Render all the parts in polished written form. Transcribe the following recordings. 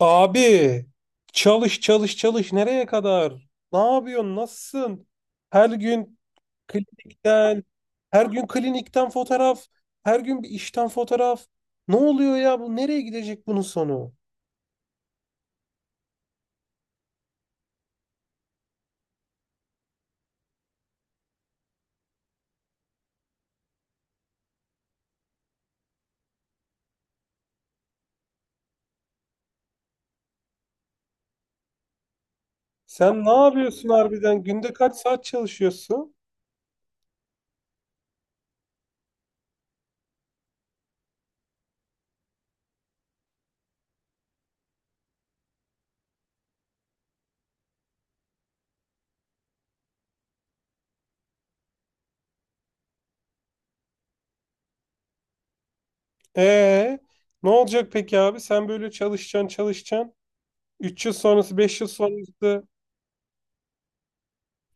Abi çalış çalış çalış nereye kadar? Ne yapıyorsun? Nasılsın? Her gün klinikten, her gün klinikten fotoğraf, her gün bir işten fotoğraf. Ne oluyor ya bu? Nereye gidecek bunun sonu? Sen ne yapıyorsun harbiden? Günde kaç saat çalışıyorsun? Ee, ne olacak peki abi? Sen böyle çalışacaksın, çalışacaksın. 3 yıl sonrası, 5 yıl sonrası.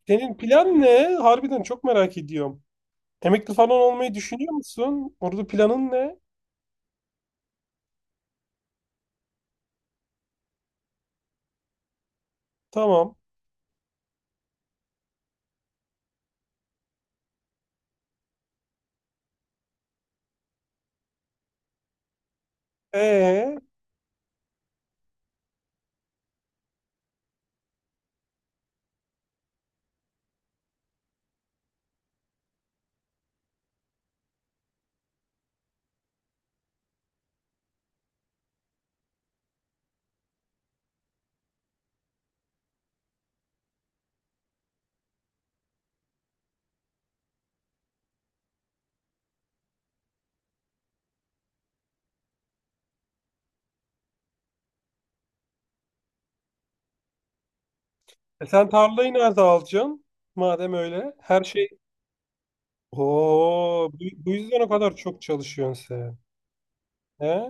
Senin plan ne? Harbiden çok merak ediyorum. Emekli falan olmayı düşünüyor musun? Orada planın ne? Tamam. Ee, sen tarlayı nerede alacaksın? Madem öyle. Her şey... Oo, bu yüzden o kadar çok çalışıyorsun sen. He?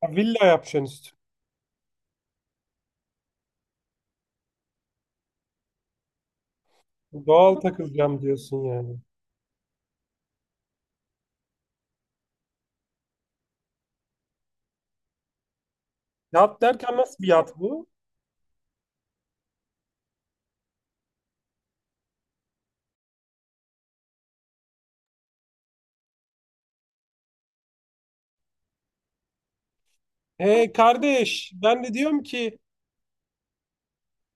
Ha, villa yapacaksın üstüne. Doğal takılacağım diyorsun yani. Yat derken nasıl bir yat bu? Kardeş ben de diyorum ki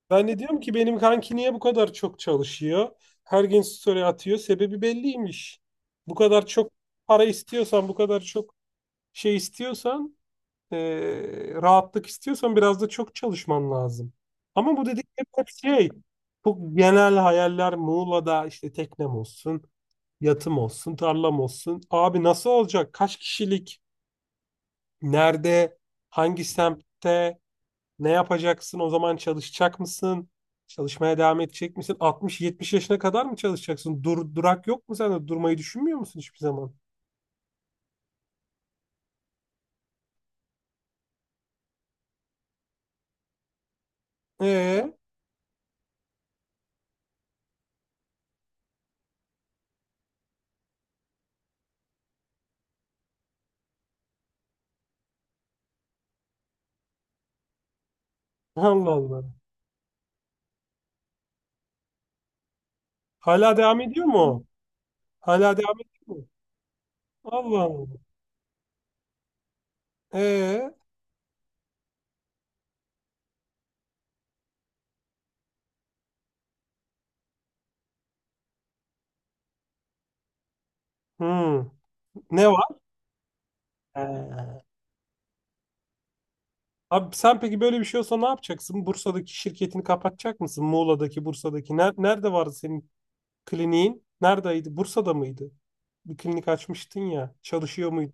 ben de diyorum ki benim kanki niye bu kadar çok çalışıyor? Her gün story atıyor. Sebebi belliymiş. Bu kadar çok para istiyorsan, bu kadar çok şey istiyorsan, rahatlık istiyorsan biraz da çok çalışman lazım. Ama bu dediklerim hep şey, çok genel hayaller, Muğla'da işte teknem olsun, yatım olsun, tarlam olsun. Abi nasıl olacak? Kaç kişilik? Nerede? Hangi semtte? Ne yapacaksın? O zaman çalışacak mısın? Çalışmaya devam edecek misin? 60-70 yaşına kadar mı çalışacaksın? Dur, durak yok mu sende? Durmayı düşünmüyor musun hiçbir zaman? Ee, Allah Allah. Hala devam ediyor mu? Hala devam ediyor mu? Allah Allah. Ee, hmm. Ne var? Ee. Abi sen peki böyle bir şey olsa ne yapacaksın? Bursa'daki şirketini kapatacak mısın? Muğla'daki, Bursa'daki. Nerede vardı senin kliniğin? Neredeydi? Bursa'da mıydı? Bir klinik açmıştın ya. Çalışıyor muydu?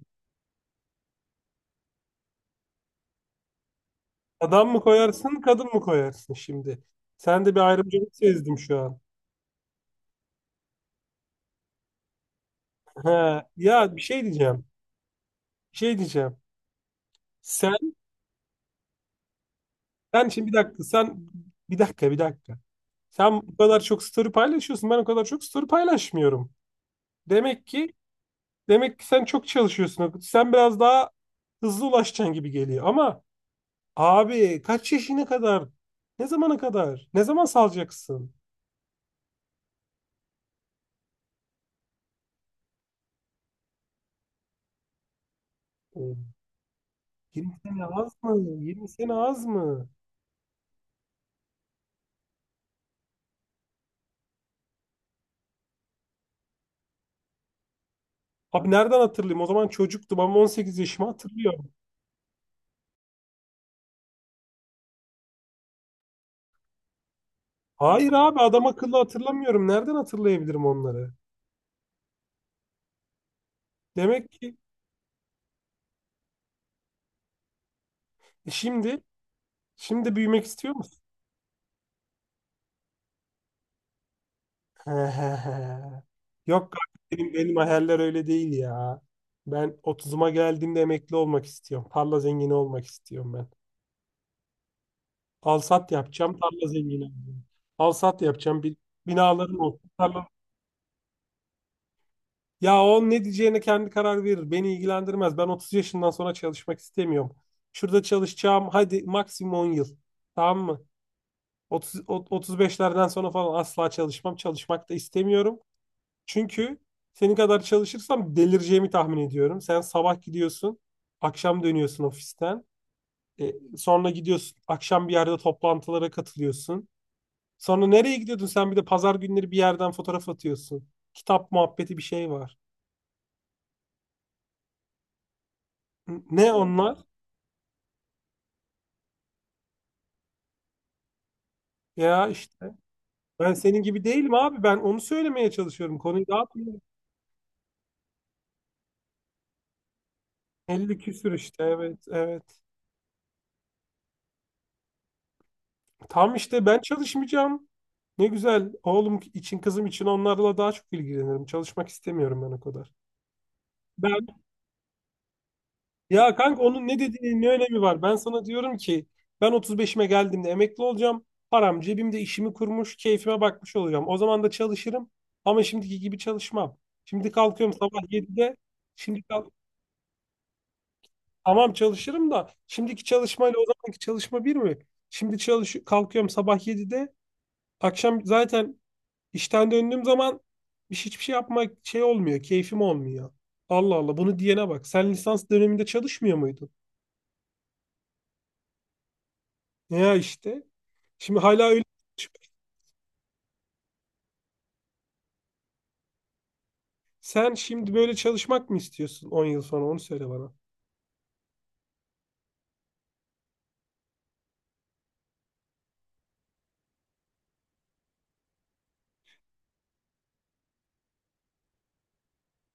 Adam mı koyarsın, kadın mı koyarsın şimdi? Sen de bir ayrımcılık sezdim şu an. He, ya bir şey diyeceğim. Bir şey diyeceğim. Sen, sen şimdi bir dakika, bir dakika, bir dakika. Sen bu kadar çok story paylaşıyorsun. Ben o kadar çok story paylaşmıyorum. Demek ki demek ki sen çok çalışıyorsun. Akut. Sen biraz daha hızlı ulaşacaksın gibi geliyor. Ama abi kaç yaşına kadar? Ne zamana kadar? Ne zaman salacaksın? Oo, 20 sene az mı? 20 sene az mı? Abi nereden hatırlayayım? O zaman çocuktum ama 18 yaşımı hatırlıyorum. Hayır abi adam akıllı hatırlamıyorum. Nereden hatırlayabilirim onları? Demek ki e, şimdi şimdi büyümek istiyor musun? He he he. Yok kanka, benim hayaller öyle değil ya. Ben 30'uma geldiğimde emekli olmak istiyorum. Tarla zengini olmak istiyorum ben. Alsat yapacağım, tarla zengini olacağım. Alsat yapacağım, bir binalarım olsun. Tarla... Ya o ne diyeceğine kendi karar verir. Beni ilgilendirmez. Ben 30 yaşından sonra çalışmak istemiyorum. Şurada çalışacağım, hadi maksimum 10 yıl. Tamam mı? 30, 35'lerden sonra falan asla çalışmam. Çalışmak da istemiyorum. Çünkü senin kadar çalışırsam delireceğimi tahmin ediyorum. Sen sabah gidiyorsun, akşam dönüyorsun ofisten. Sonra gidiyorsun, akşam bir yerde toplantılara katılıyorsun. Sonra nereye gidiyordun sen, bir de pazar günleri bir yerden fotoğraf atıyorsun. Kitap muhabbeti bir şey var. Ne onlar? Ya işte ben senin gibi değilim abi, ben onu söylemeye çalışıyorum. Konuyu dağıtmıyorum. 50 küsür işte, evet evet. Tam işte ben çalışmayacağım. Ne güzel. Oğlum için kızım için onlarla daha çok ilgilenirim. Çalışmak istemiyorum ben o kadar. Ben, ya kanka onun ne dediğinin ne önemi var? Ben sana diyorum ki ben 35'ime geldiğimde emekli olacağım. Param cebimde, işimi kurmuş, keyfime bakmış olacağım. O zaman da çalışırım ama şimdiki gibi çalışmam. Şimdi kalkıyorum sabah 7'de. Şimdi kalk, tamam çalışırım da şimdiki çalışmayla o zamanki çalışma bir mi? Şimdi çalış kalkıyorum sabah 7'de. Akşam zaten İşten döndüğüm zaman hiçbir şey yapmak şey olmuyor, keyfim olmuyor. Allah Allah bunu diyene bak. Sen lisans döneminde çalışmıyor muydun? Ya işte. Şimdi hala öyle. Sen şimdi böyle çalışmak mı istiyorsun? 10 yıl sonra onu söyle bana.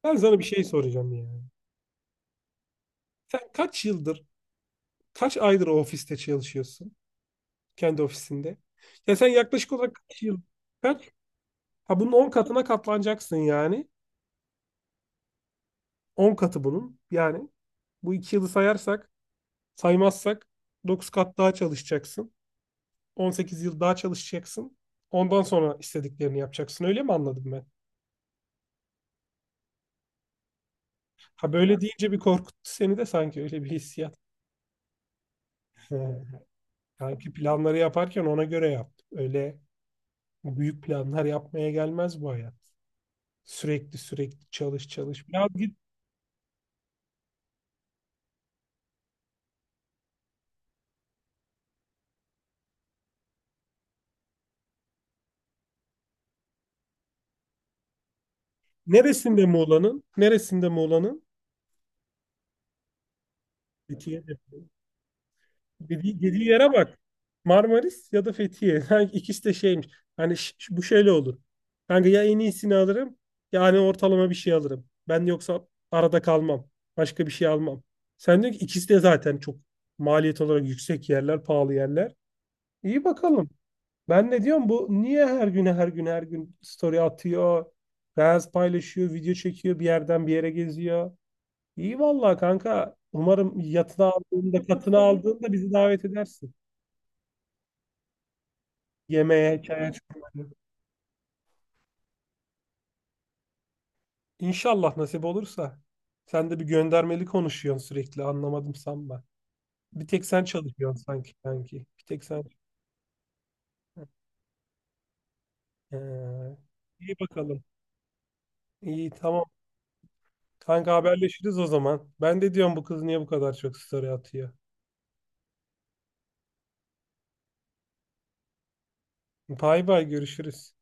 Ben sana bir şey soracağım yani. Sen kaç yıldır, kaç aydır o ofiste çalışıyorsun? Kendi ofisinde. Ya sen yaklaşık olarak kaç yıl? Kaç? Ha bunun 10 katına katlanacaksın yani. 10 katı bunun. Yani bu 2 yılı sayarsak, saymazsak 9 kat daha çalışacaksın. 18 yıl daha çalışacaksın. Ondan sonra istediklerini yapacaksın. Öyle mi anladım ben? Ha böyle deyince bir korkuttu seni de, sanki öyle bir hissiyat. He. Sanki planları yaparken ona göre yap. Öyle büyük planlar yapmaya gelmez bu hayat. Sürekli sürekli çalış çalış. Biraz git. Neresinde Muğla'nın? Neresinde Muğla'nın? Fethiye. Dediği yere bak. Marmaris ya da Fethiye. Sanki ikisi de şeymiş. Hani bu şöyle olur. Kanka ya en iyisini alırım ya hani ortalama bir şey alırım. Ben yoksa arada kalmam. Başka bir şey almam. Sen diyorsun ki ikisi de zaten çok maliyet olarak yüksek yerler, pahalı yerler. İyi bakalım. Ben ne diyorum bu niye her gün her gün story atıyor, reels paylaşıyor, video çekiyor, bir yerden bir yere geziyor. İyi vallahi kanka. Umarım yatını aldığında, katını aldığında bizi davet edersin. Yemeğe, çaya çıkmaya. İnşallah nasip olursa. Sen de bir göndermeli konuşuyorsun sürekli. Anlamadım sanma. Bir tek sen çalışıyorsun sanki kanki. Bir tek sen. Ee, iyi bakalım. İyi tamam. Kanka haberleşiriz o zaman. Ben de diyorum bu kız niye bu kadar çok story atıyor. Bay bay görüşürüz.